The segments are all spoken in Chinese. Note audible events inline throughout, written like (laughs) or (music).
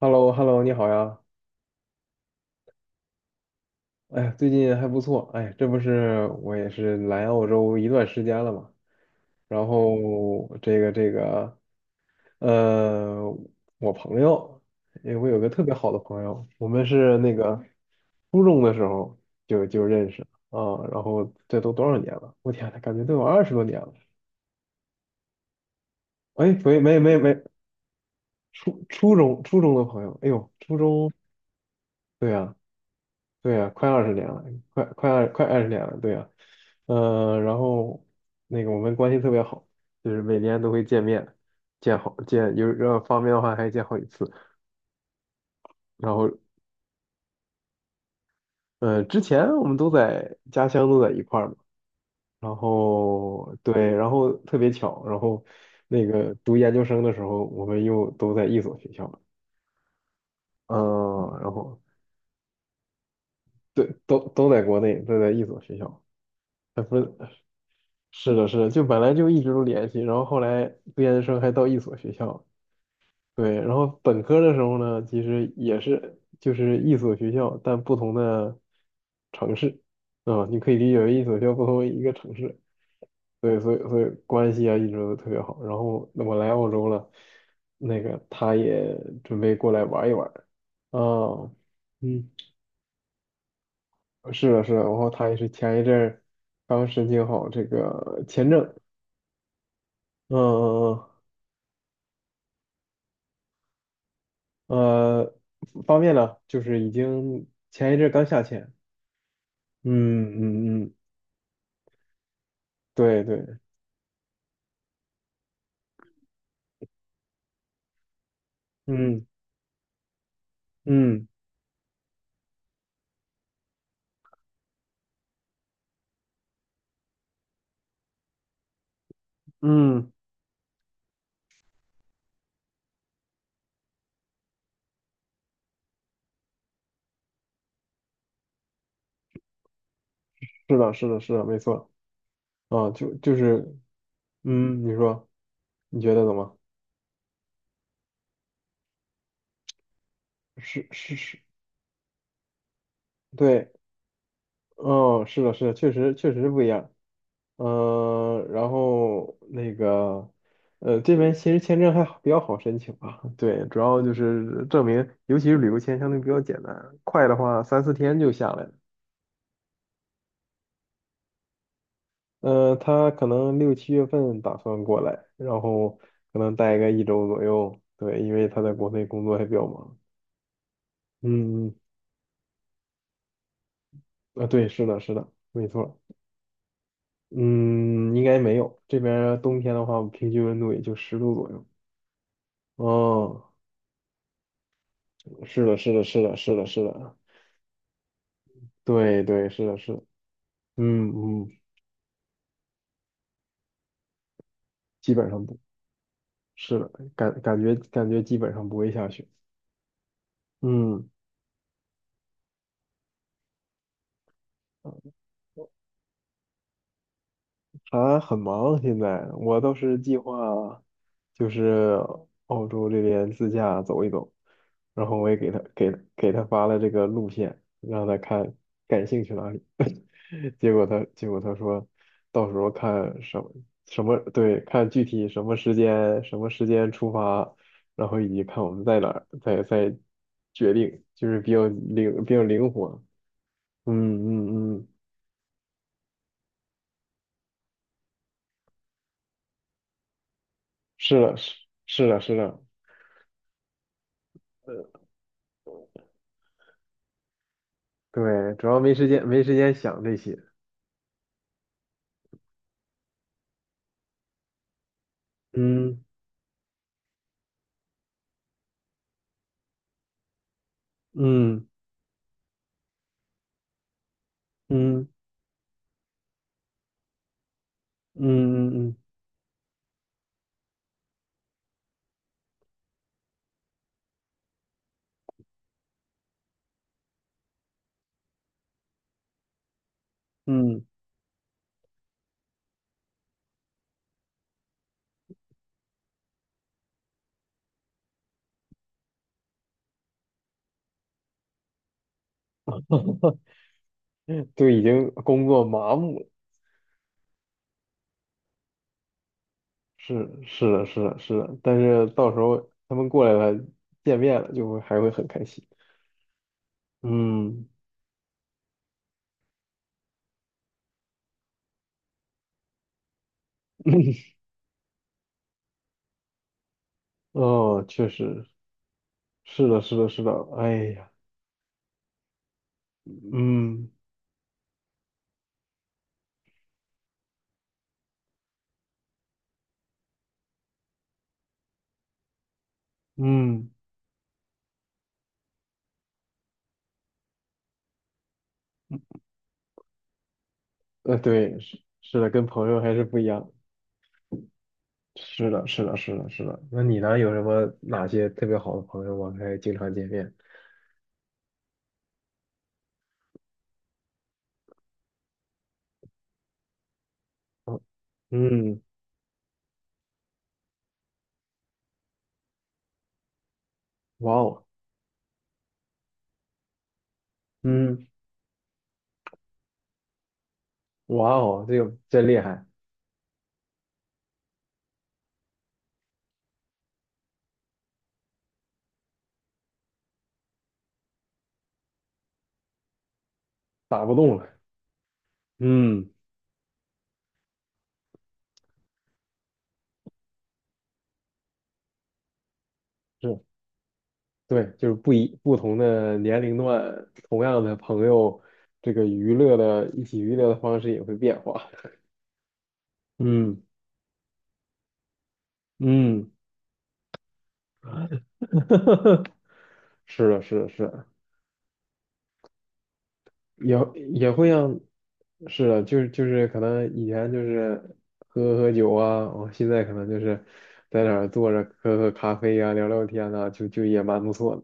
h e l l o h e l l o 你好呀！哎呀，最近还不错。哎，这不是我也是来澳洲一段时间了嘛，然后这个，呃，我朋友，哎，我有个特别好的朋友，我们是那个初中的时候就认识啊，然后这都多少年了？我天呐，感觉都有20多年了。哎，没，初中的朋友，哎呦，初中，对呀。对呀，快二十年了，快二十年了，对呀，嗯、然后那个我们关系特别好，就是每年都会见面，见好见有要方便的话还见好几次。然后之前我们都在家乡都在一块儿嘛，然后对，然后特别巧，然后那个读研究生的时候，我们又都在一所学校，嗯、然后对，都在国内，都在一所学校，是的，是的，就本来就一直都联系，然后后来研究生还到一所学校，对，然后本科的时候呢，其实也是就是一所学校，但不同的城市，啊、你可以理解为一所学校不同于一个城市，对，所以关系啊一直都特别好。然后那我来澳洲了，那个他也准备过来玩一玩，啊、嗯，是的，是的，然后他也是前一阵儿刚申请好这个签证。嗯嗯嗯，呃，方便了，就是已经前一阵刚下签，嗯嗯嗯，对对，嗯嗯嗯，是的，是的，是的，没错。啊，就是，嗯，你说，你觉得怎么？是是是，对，哦，是的，是的，确实不一样。然后那个，这边其实签证还好比较好申请吧。(laughs) 对，主要就是证明，尤其是旅游签相对比较简单，快的话三四天就下来了。他可能6、7月份打算过来，然后可能待个1周左右。对，因为他在国内工作还比较忙。嗯，啊，对，是的，是的，没错。嗯，应该没有。这边儿冬天的话，平均温度也就10度左右。哦，是的，是的，是的，是的，是的，对，对，是的，是的。嗯嗯，基本上不，是的，感觉基本上不会下雪。嗯。啊，很忙现在，我倒是计划就是澳洲这边自驾走一走，然后我也给他发了这个路线，让他看感兴趣哪里。(laughs) 结果他说，到时候看什么看具体什么时间出发，然后以及看我们在哪儿，再决定，就是比较灵活。嗯嗯嗯，是的，是是的，是的。对，主要没时间，没时间想这些。嗯嗯嗯嗯嗯嗯嗯，就已经工作麻木了。是是的，是的，是的。但是到时候他们过来了，见面了，就会还会很开心。嗯，(laughs) 哦，确实是的，是的，是的。哎呀，嗯嗯，对，是是的，跟朋友还是不一样。是的，是的，是的，是的。那你呢？有什么哪些特别好的朋友吗？还经常见面？哦嗯，哇哦，嗯，哇哦，这个真厉害，打不动了。嗯，是，对，就是不同的年龄段，同样的朋友，这个娱乐的一起娱乐的方式也会变化。嗯嗯，(laughs) 是的，是的，是的，也也会让，是的，就是可能以前就是喝喝酒啊，哦，现在可能就是在那儿坐着喝喝咖啡啊，聊聊天啊，就也蛮不错的。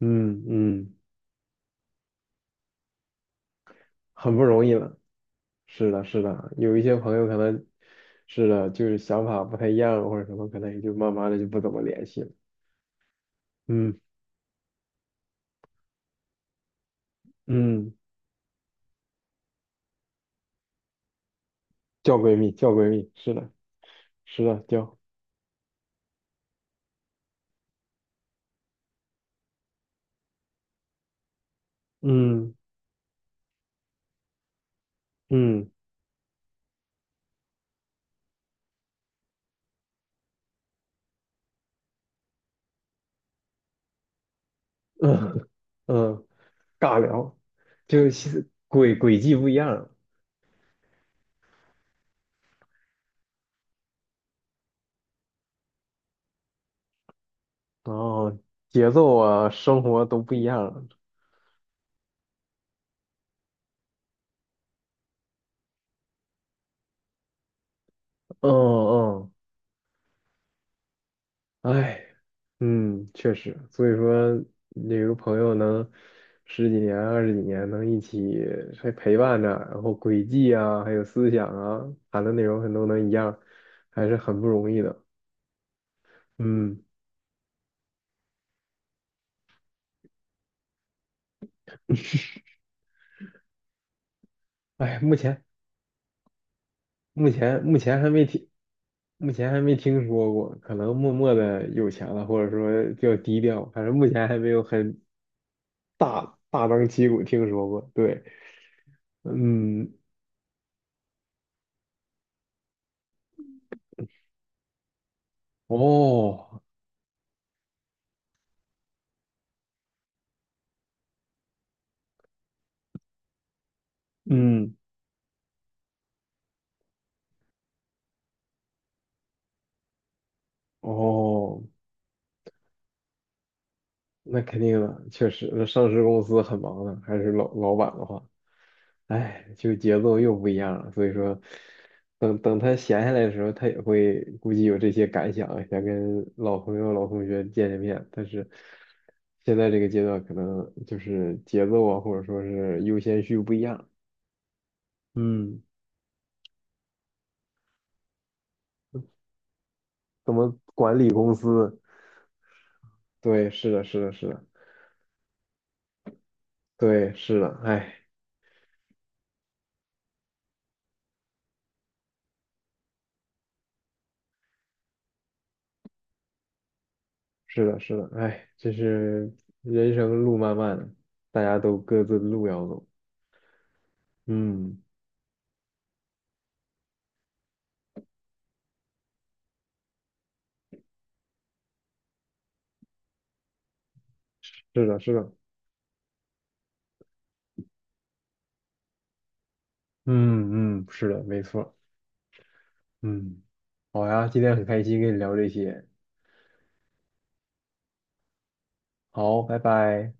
嗯嗯，很不容易了。是的，是的，有一些朋友可能是的，就是想法不太一样或者什么，可能也就慢慢的就不怎么联系了。嗯嗯，叫闺蜜，叫闺蜜，是的，是的，叫，嗯嗯嗯 (laughs) 嗯，尬聊，就是轨迹不一样，然后节奏啊，生活都不一样嗯嗯哎，嗯，确实，所以说有个朋友能十几年、20几年能一起还陪伴着，然后轨迹啊，还有思想啊，谈的内容很多能一样，还是很不容易的。嗯，哎，目前还没听，目前还没听说过，可能默默的有钱了，或者说比较低调，反正目前还没有很大张旗鼓听说过。对，嗯，哦，嗯，哦。那肯定的，确实，那上市公司很忙的，还是老板的话，哎，就节奏又不一样了。所以说，等他闲下来的时候，他也会估计有这些感想，想跟老朋友、老同学见见面。但是现在这个阶段，可能就是节奏啊，或者说是优先序不一样。嗯，怎么管理公司？对，是的，是的，是的，对，是的，哎。是的，是的，哎，这是人生路漫漫，大家都各自的路要走。嗯，是的，是的，嗯嗯，是的，没错，嗯，好呀，今天很开心跟你聊这些，好，拜拜。